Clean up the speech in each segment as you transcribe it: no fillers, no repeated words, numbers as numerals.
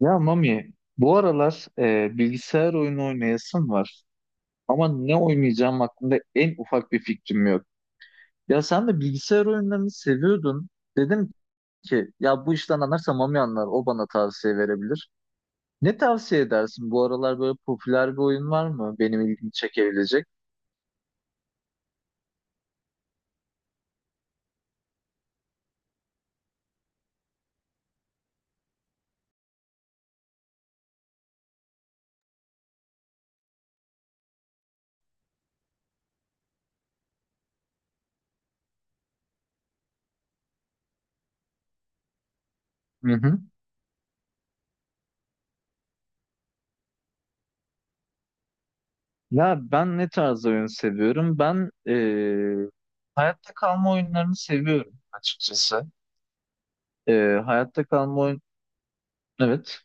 Ya Mami, bu aralar bilgisayar oyunu oynayasım var. Ama ne oynayacağım hakkında en ufak bir fikrim yok. Ya sen de bilgisayar oyunlarını seviyordun. Dedim ki ya bu işten anlarsa Mami anlar, o bana tavsiye verebilir. Ne tavsiye edersin? Bu aralar böyle popüler bir oyun var mı benim ilgimi çekebilecek? Hı hı. Ya ben ne tarz oyun seviyorum? Ben hayatta kalma oyunlarını seviyorum açıkçası. E, hayatta kalma oyun... Evet.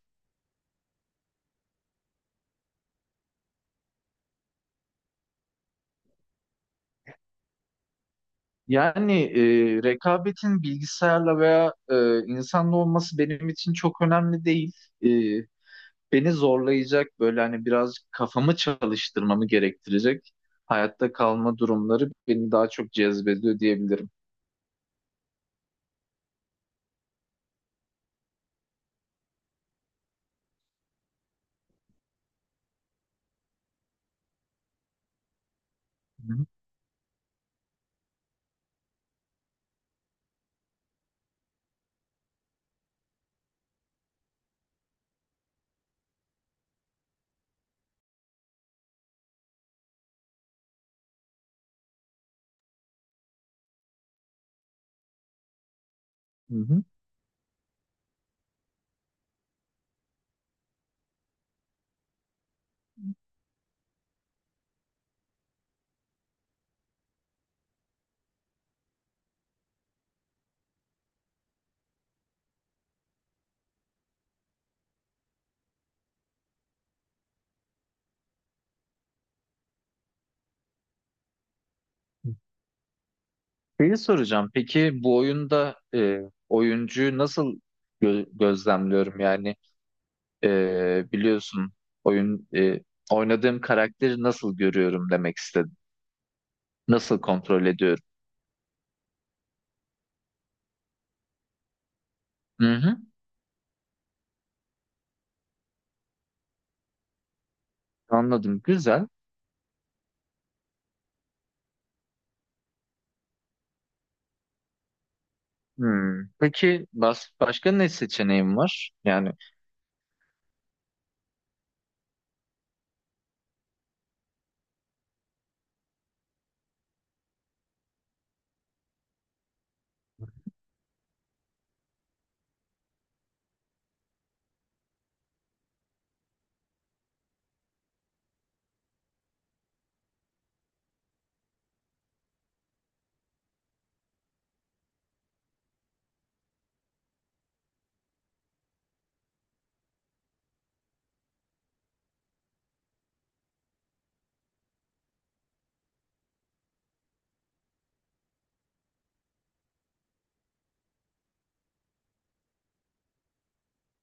Yani rekabetin bilgisayarla veya insanla olması benim için çok önemli değil. E, Beni zorlayacak böyle hani birazcık kafamı çalıştırmamı gerektirecek hayatta kalma durumları beni daha çok cezbediyor diyebilirim. Hı hı, hı hı. Şeyi soracağım. Peki bu oyunda oyuncuyu nasıl gözlemliyorum? Yani biliyorsun oyun e, oynadığım karakteri nasıl görüyorum demek istedim. Nasıl kontrol ediyorum? Hı hı, anladım. Güzel. Hmm. Peki başka ne seçeneğim var? Yani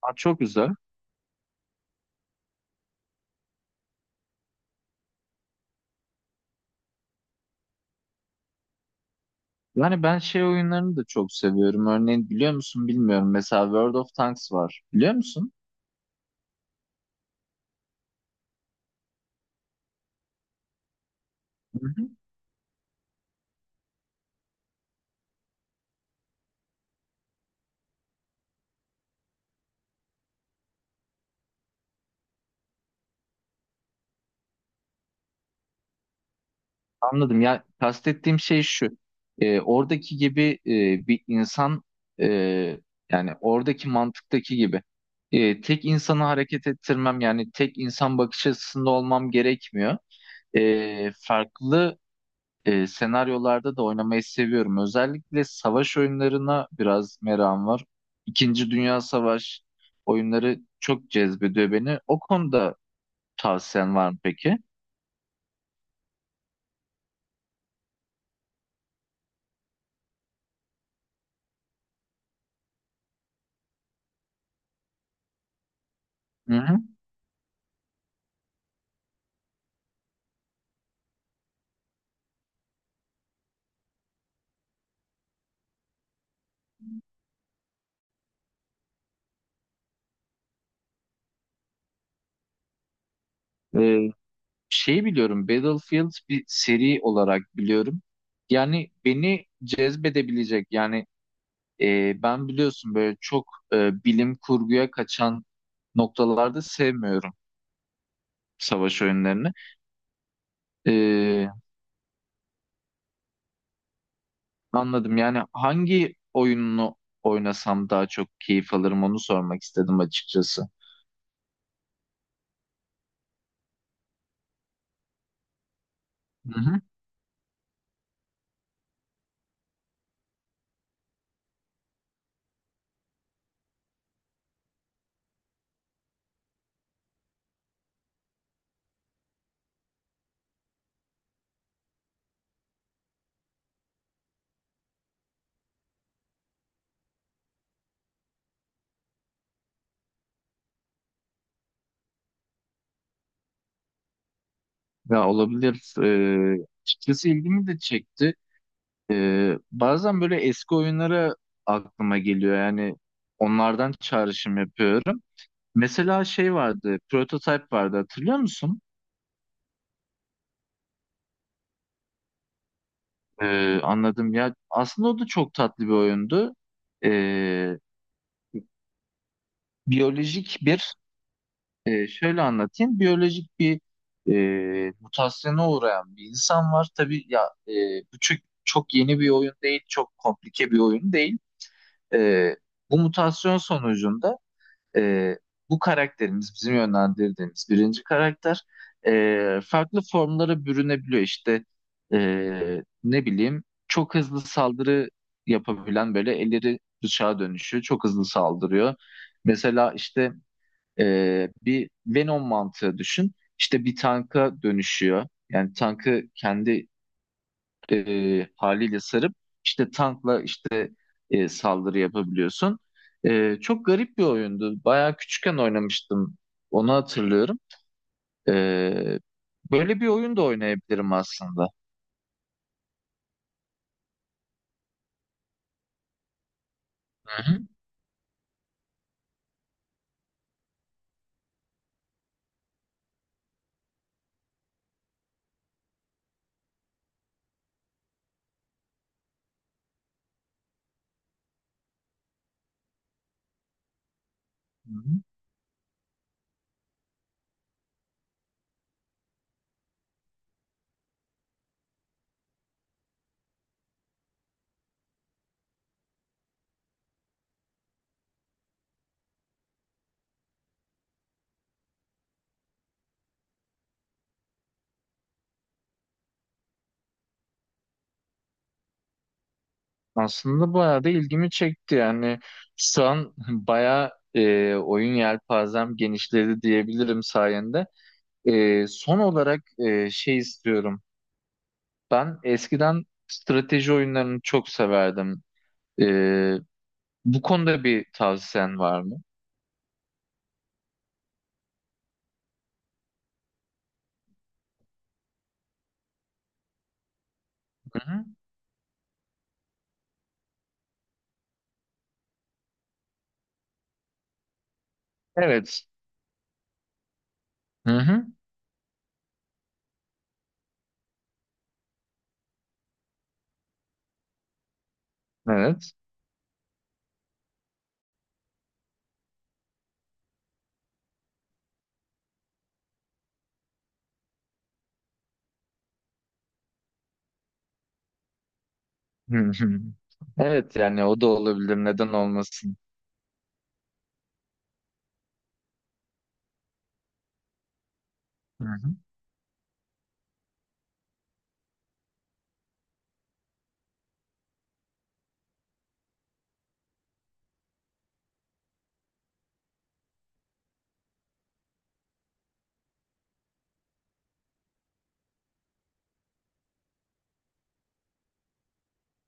aa, çok güzel. Yani ben şey oyunlarını da çok seviyorum. Örneğin biliyor musun bilmiyorum. Mesela World of Tanks var. Biliyor musun? Hı hı. Anladım. Ya kastettiğim şey şu. Oradaki gibi bir insan, e, yani oradaki mantıktaki gibi tek insanı hareket ettirmem, yani tek insan bakış açısında olmam gerekmiyor. Farklı senaryolarda da oynamayı seviyorum. Özellikle savaş oyunlarına biraz merakım var. İkinci Dünya Savaşı oyunları çok cezbediyor beni. O konuda tavsiyen var mı peki? Hı hı. E, Şeyi biliyorum, Battlefield bir seri olarak biliyorum. Yani beni cezbedebilecek, yani ben biliyorsun böyle çok bilim kurguya kaçan noktalarda sevmiyorum savaş oyunlarını. E, Anladım. Yani hangi oyununu oynasam daha çok keyif alırım onu sormak istedim açıkçası. Hı hı. Ya olabilir. Açıkçası ilgimi de çekti. Bazen böyle eski oyunlara aklıma geliyor. Yani onlardan çağrışım yapıyorum. Mesela şey vardı, Prototype vardı, hatırlıyor musun? Anladım. Ya aslında o da çok tatlı bir oyundu. Ee, biyolojik bir Şöyle anlatayım. Biyolojik bir, mutasyona uğrayan bir insan var. Tabii ya, e, bu çok, çok yeni bir oyun değil, çok komplike bir oyun değil. Ee, Bu mutasyon sonucunda e, bu karakterimiz, bizim yönlendirdiğimiz birinci karakter farklı formlara bürünebiliyor. İşte ne bileyim, çok hızlı saldırı yapabilen, böyle elleri bıçağa dönüşüyor. Çok hızlı saldırıyor. Mesela işte bir Venom mantığı düşün. İşte bir tanka dönüşüyor. Yani tankı kendi haliyle sarıp, işte tankla işte saldırı yapabiliyorsun. Çok garip bir oyundu. Bayağı küçükken oynamıştım. Onu hatırlıyorum. Ee, Böyle bir oyun da oynayabilirim aslında. Hı hı. Hı hı. Aslında bayağı da ilgimi çekti. Yani şu an bayağı oyun yelpazem genişledi diyebilirim sayende. Son olarak şey istiyorum. Ben eskiden strateji oyunlarını çok severdim. Ee, Bu konuda bir tavsiyen var mı? Hı-hı. Evet. Hı-hı. Evet. Hı-hı. Evet, yani o da olabilir. Neden olmasın? Hı-hı.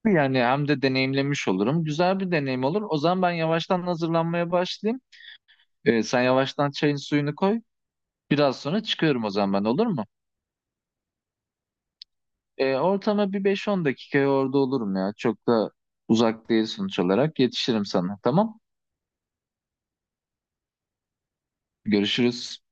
Yani hem de deneyimlemiş olurum. Güzel bir deneyim olur. O zaman ben yavaştan hazırlanmaya başlayayım. Sen yavaştan çayın suyunu koy. Biraz sonra çıkıyorum, o zaman ben, olur mu? Ortama bir 5-10 dakikaya orada olurum ya. Çok da uzak değil sonuç olarak. Yetişirim sana. Tamam. Görüşürüz.